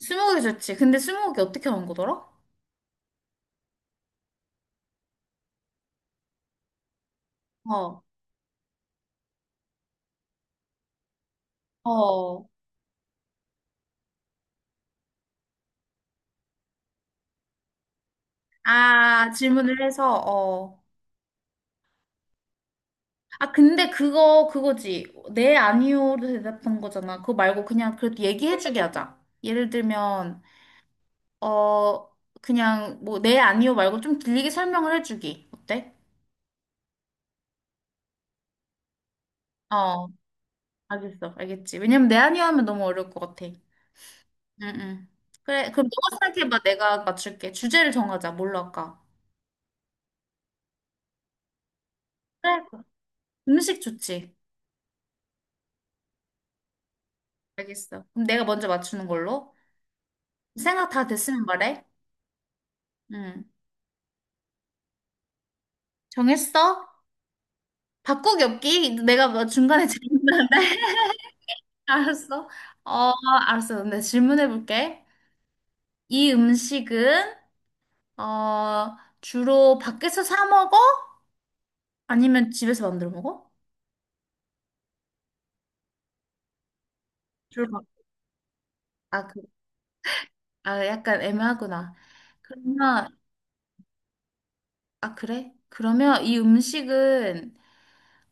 스무고개 좋지. 근데 스무고개 어떻게 하는 거더라? 어, 어. 아, 질문을 해서, 어. 아, 근데 그거지. 네, 아니요로 대답한 거잖아. 그거 말고 그냥 그래도 얘기해주게 하자. 예를 들면, 어, 그냥 뭐, 네, 아니요 말고 좀 길게 설명을 해주기. 어때? 어, 알겠어. 알겠지. 왜냐면 네, 아니요 하면 너무 어려울 것 같아. 응, 응. 그래, 그럼 너가 생각해봐. 내가 맞출게. 주제를 정하자. 뭘로 할까? 그래, 음식 좋지. 알겠어. 그럼 내가 먼저 맞추는 걸로. 생각 다 됐으면 말해. 응. 정했어? 바꾸기 없기? 내가 뭐 중간에 질문하는데. 알았어. 어, 알았어. 근데 질문해 볼게. 이 음식은, 어, 주로 밖에서 사 먹어? 아니면 집에서 만들어 먹어? 주로 밖. 아, 그, 아, 약간 애매하구나. 그러면, 아, 그래?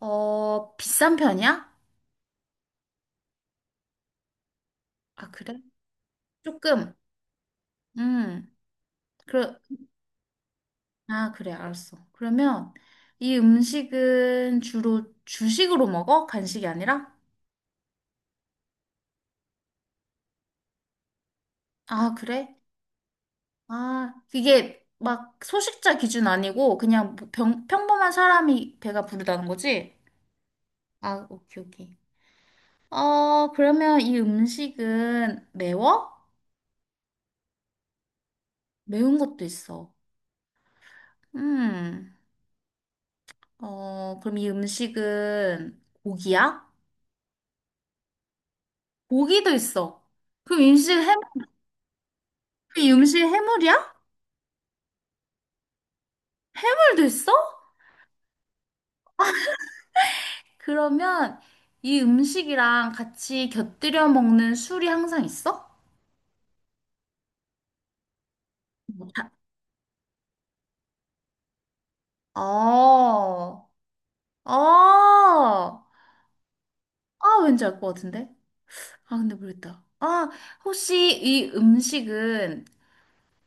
어, 비싼 편이야? 아, 그래? 조금. 음. 그, 아, 그래, 알았어. 그러면 이 음식은 주로 주식으로 먹어? 간식이 아니라? 아, 그래? 아, 이게 막 소식자 기준 아니고 그냥 뭐 평범한 사람이 배가 부르다는 거지? 아, 오케이, 오케이. 어, 그러면 이 음식은 매워? 매운 것도 있어. 음, 어, 그럼 이 음식은 고기야? 고기도 있어. 그럼 이 음식 해물, 이 음식 해물이야? 해물도 있어? 그러면 이 음식이랑 같이 곁들여 먹는 술이 항상 있어? 뭐 다- 어, 어, 아, 왠지 알 것 같은데? 아, 근데 모르겠다. 아, 혹시 이 음식은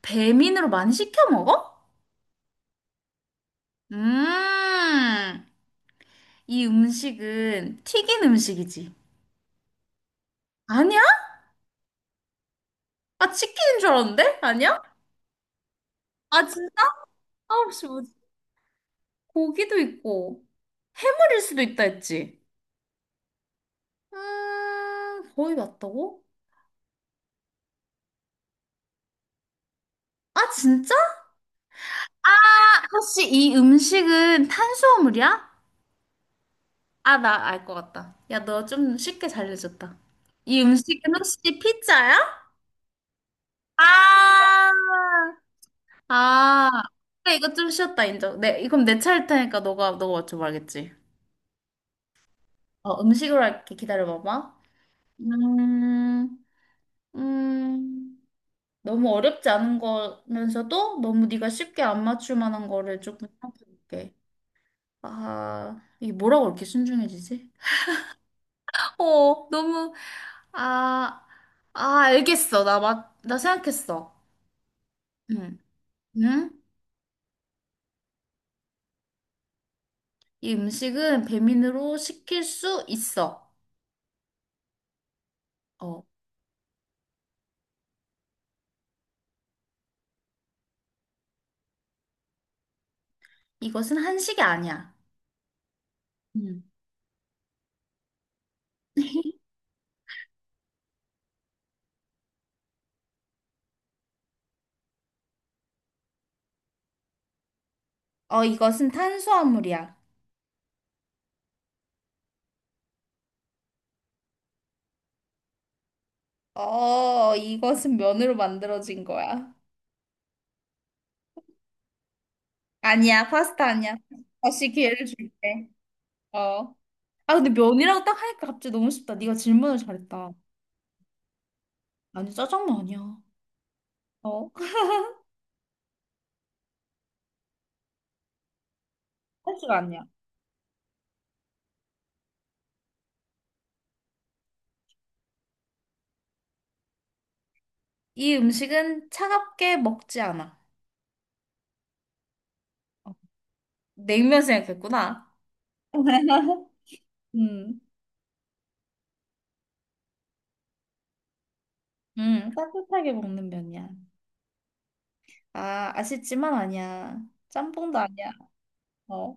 배민으로 많이 시켜 먹어? 음, 이 음식은 튀긴 음식이지. 아니야? 아, 치킨인 줄 알았는데? 아니야? 아, 진짜? 아, 혹시 뭐지? 고기도 있고, 해물일 수도 있다 했지? 거의 맞다고? 아, 진짜? 아, 혹시 이 음식은 탄수화물이야? 아, 나 알 것 같다. 야, 너 좀 쉽게 잘려줬다. 이 음식은 혹시 피자야? 아, 아. 그래, 이거 좀 쉬웠다, 인정. 네, 그럼 내 차일 테니까 너가 맞춰봐야겠지. 어, 음식으로 할게. 기다려봐봐. 음, 음, 너무 어렵지 않은 거면서도 너무 네가 쉽게 안 맞출 만한 거를 조금 생각해볼게. 아, 이게 뭐라고 이렇게 신중해지지? 어, 너무, 아, 아, 알겠어. 나 생각했어. 응, 응? 이 음식은 배민으로 시킬 수 있어. 어, 이것은 한식이 아니야. 응. 어, 이것은 탄수화물이야. 어, 이것은 면으로 만들어진 거야. 아니야, 파스타 아니야. 다시 기회를 줄게. 어. 아, 근데 면이라고 딱 하니까 갑자기 너무 쉽다. 네가 질문을 잘했다. 아니, 짜장면 아니야. 어? 한식 아니야. 이 음식은 차갑게 먹지 않아. 어, 냉면 생각했구나. 음, 따뜻하게 먹는 면이야. 아, 아쉽지만 아니야. 짬뽕도 아니야. 어.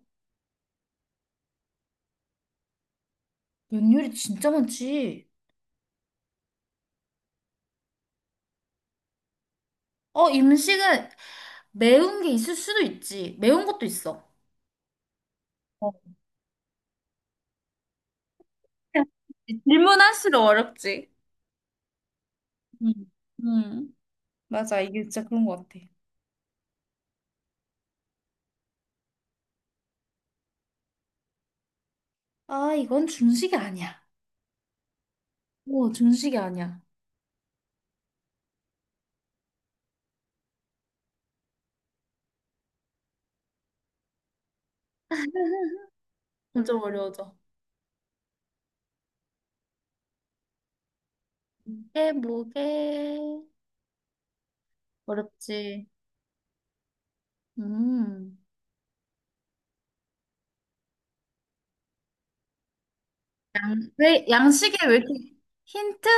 면 요리 진짜 많지. 어, 음식은 매운 게 있을 수도 있지. 매운 것도 있어. 어. 질문할수록 어렵지. 음. 음, 맞아. 이게 진짜 그런 것 같아. 아, 이건 중식이 아니야. 오, 중식이 아니야. 점점 어려워져. 이게 뭐게? 어렵지. 음. 왜, 양식이 왜 이렇게, 힌트?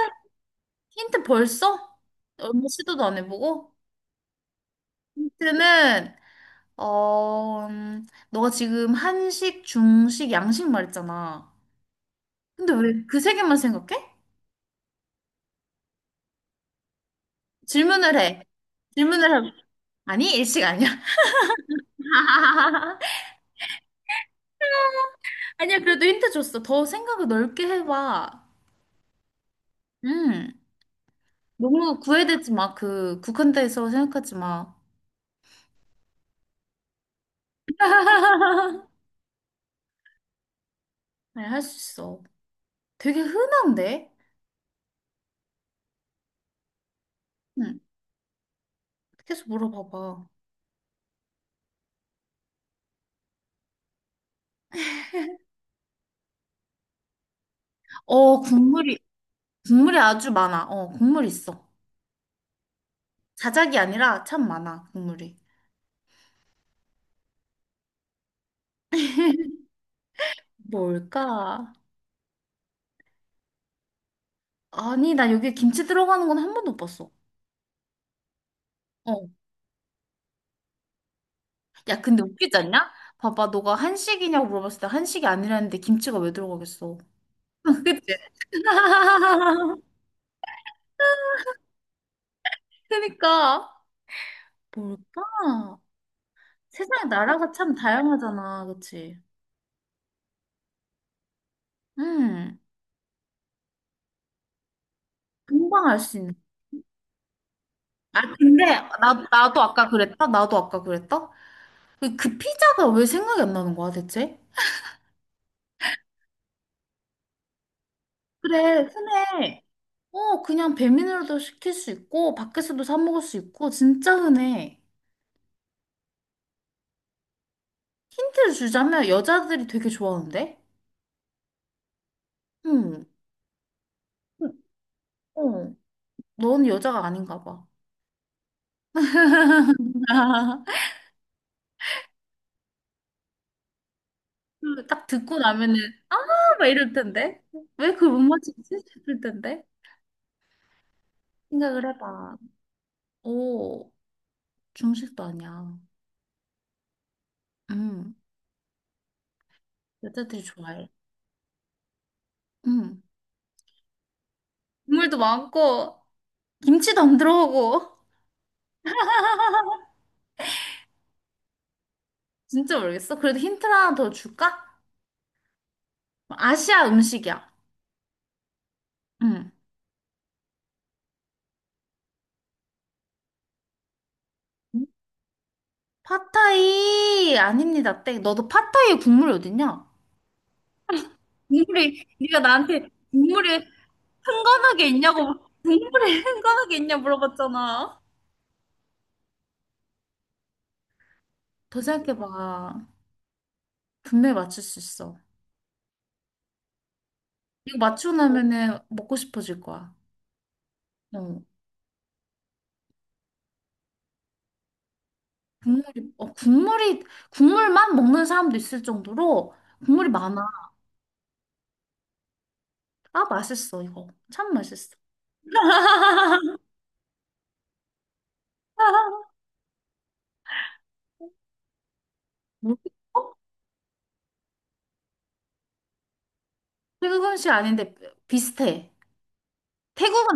힌트 벌써? 얼마 시도도 안 해보고? 힌트는, 어, 너가 지금 한식, 중식, 양식 말했잖아. 근데 왜 그 세 개만 생각해? 질문을 해. 질문을 해. 아니, 일식 아니야. 아니야, 그래도 힌트 줬어. 더 생각을 넓게 해봐. 음. 너무 구애되지 마. 그, 국한돼서 생각하지 마. 네, 할 수 있어. 되게 흔한데? 응. 계속 물어봐봐. 어, 국물이, 국물이 아주 많아. 어, 국물 있어. 자작이 아니라 참 많아, 국물이. 뭘까? 아니, 나 여기 김치 들어가는 건 한 번도 못 봤어. 어. 야, 근데 웃기지 않냐? 봐봐, 너가 한식이냐고 물어봤을 때 한식이 아니라는데 김치가 왜 들어가겠어? 그치? 그니까. 뭘까? 세상에 나라가 참 다양하잖아, 그치? 음. 금방 알 수 있는. 아, 근데 나도 아까 그랬다? 나도 아까 그랬다? 그 피자가 왜 생각이 안 나는 거야, 대체? 그래, 흔해. 어, 그냥 배민으로도 시킬 수 있고, 밖에서도 사 먹을 수 있고, 진짜 흔해. 힌트를 주자면 여자들이 되게 좋아하는데? 응. 어, 넌 여자가 아닌가 봐. 딱 듣고 나면은, 아, 막 이럴 텐데? 왜 그걸 못 맞추지? 싶을 텐데? 생각을 해봐. 오, 중식도 아니야. 응, 여자들이 좋아해. 응. 국물도 많고, 김치도 안 들어가고. 진짜 모르겠어. 그래도 힌트 하나 더 줄까? 아시아 음식이야. 응. 음? 팟타이 아닙니다. 땡. 너도 팟타이에 국물이 어딨냐? 국물이 네가 나한테 국물이 흥건하게 있냐고 국물이 흥건하게 있냐 물어봤잖아. 더 생각해봐. 분명히 맞출 수 있어. 이거 맞추고 나면은 먹고 싶어질 거야. 어. 국물이, 어, 국물이, 국물만 먹는 사람도 있을 정도로 국물이 많아. 아, 맛있어, 이거. 참 맛있어. 모르겠어? 태국 음식 아닌데 비슷해. 태국은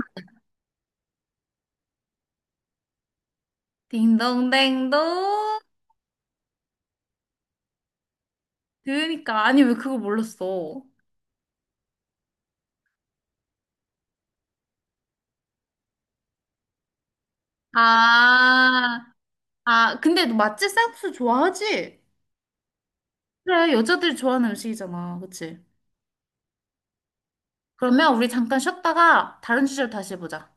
딩동댕동. 그러니까 아니 왜 그걸 몰랐어? 아, 아 근데 너 맛집 쌀국수 좋아하지? 그래 여자들이 좋아하는 음식이잖아, 그치? 그러면 우리 잠깐 쉬었다가 다른 주제로 다시 해보자.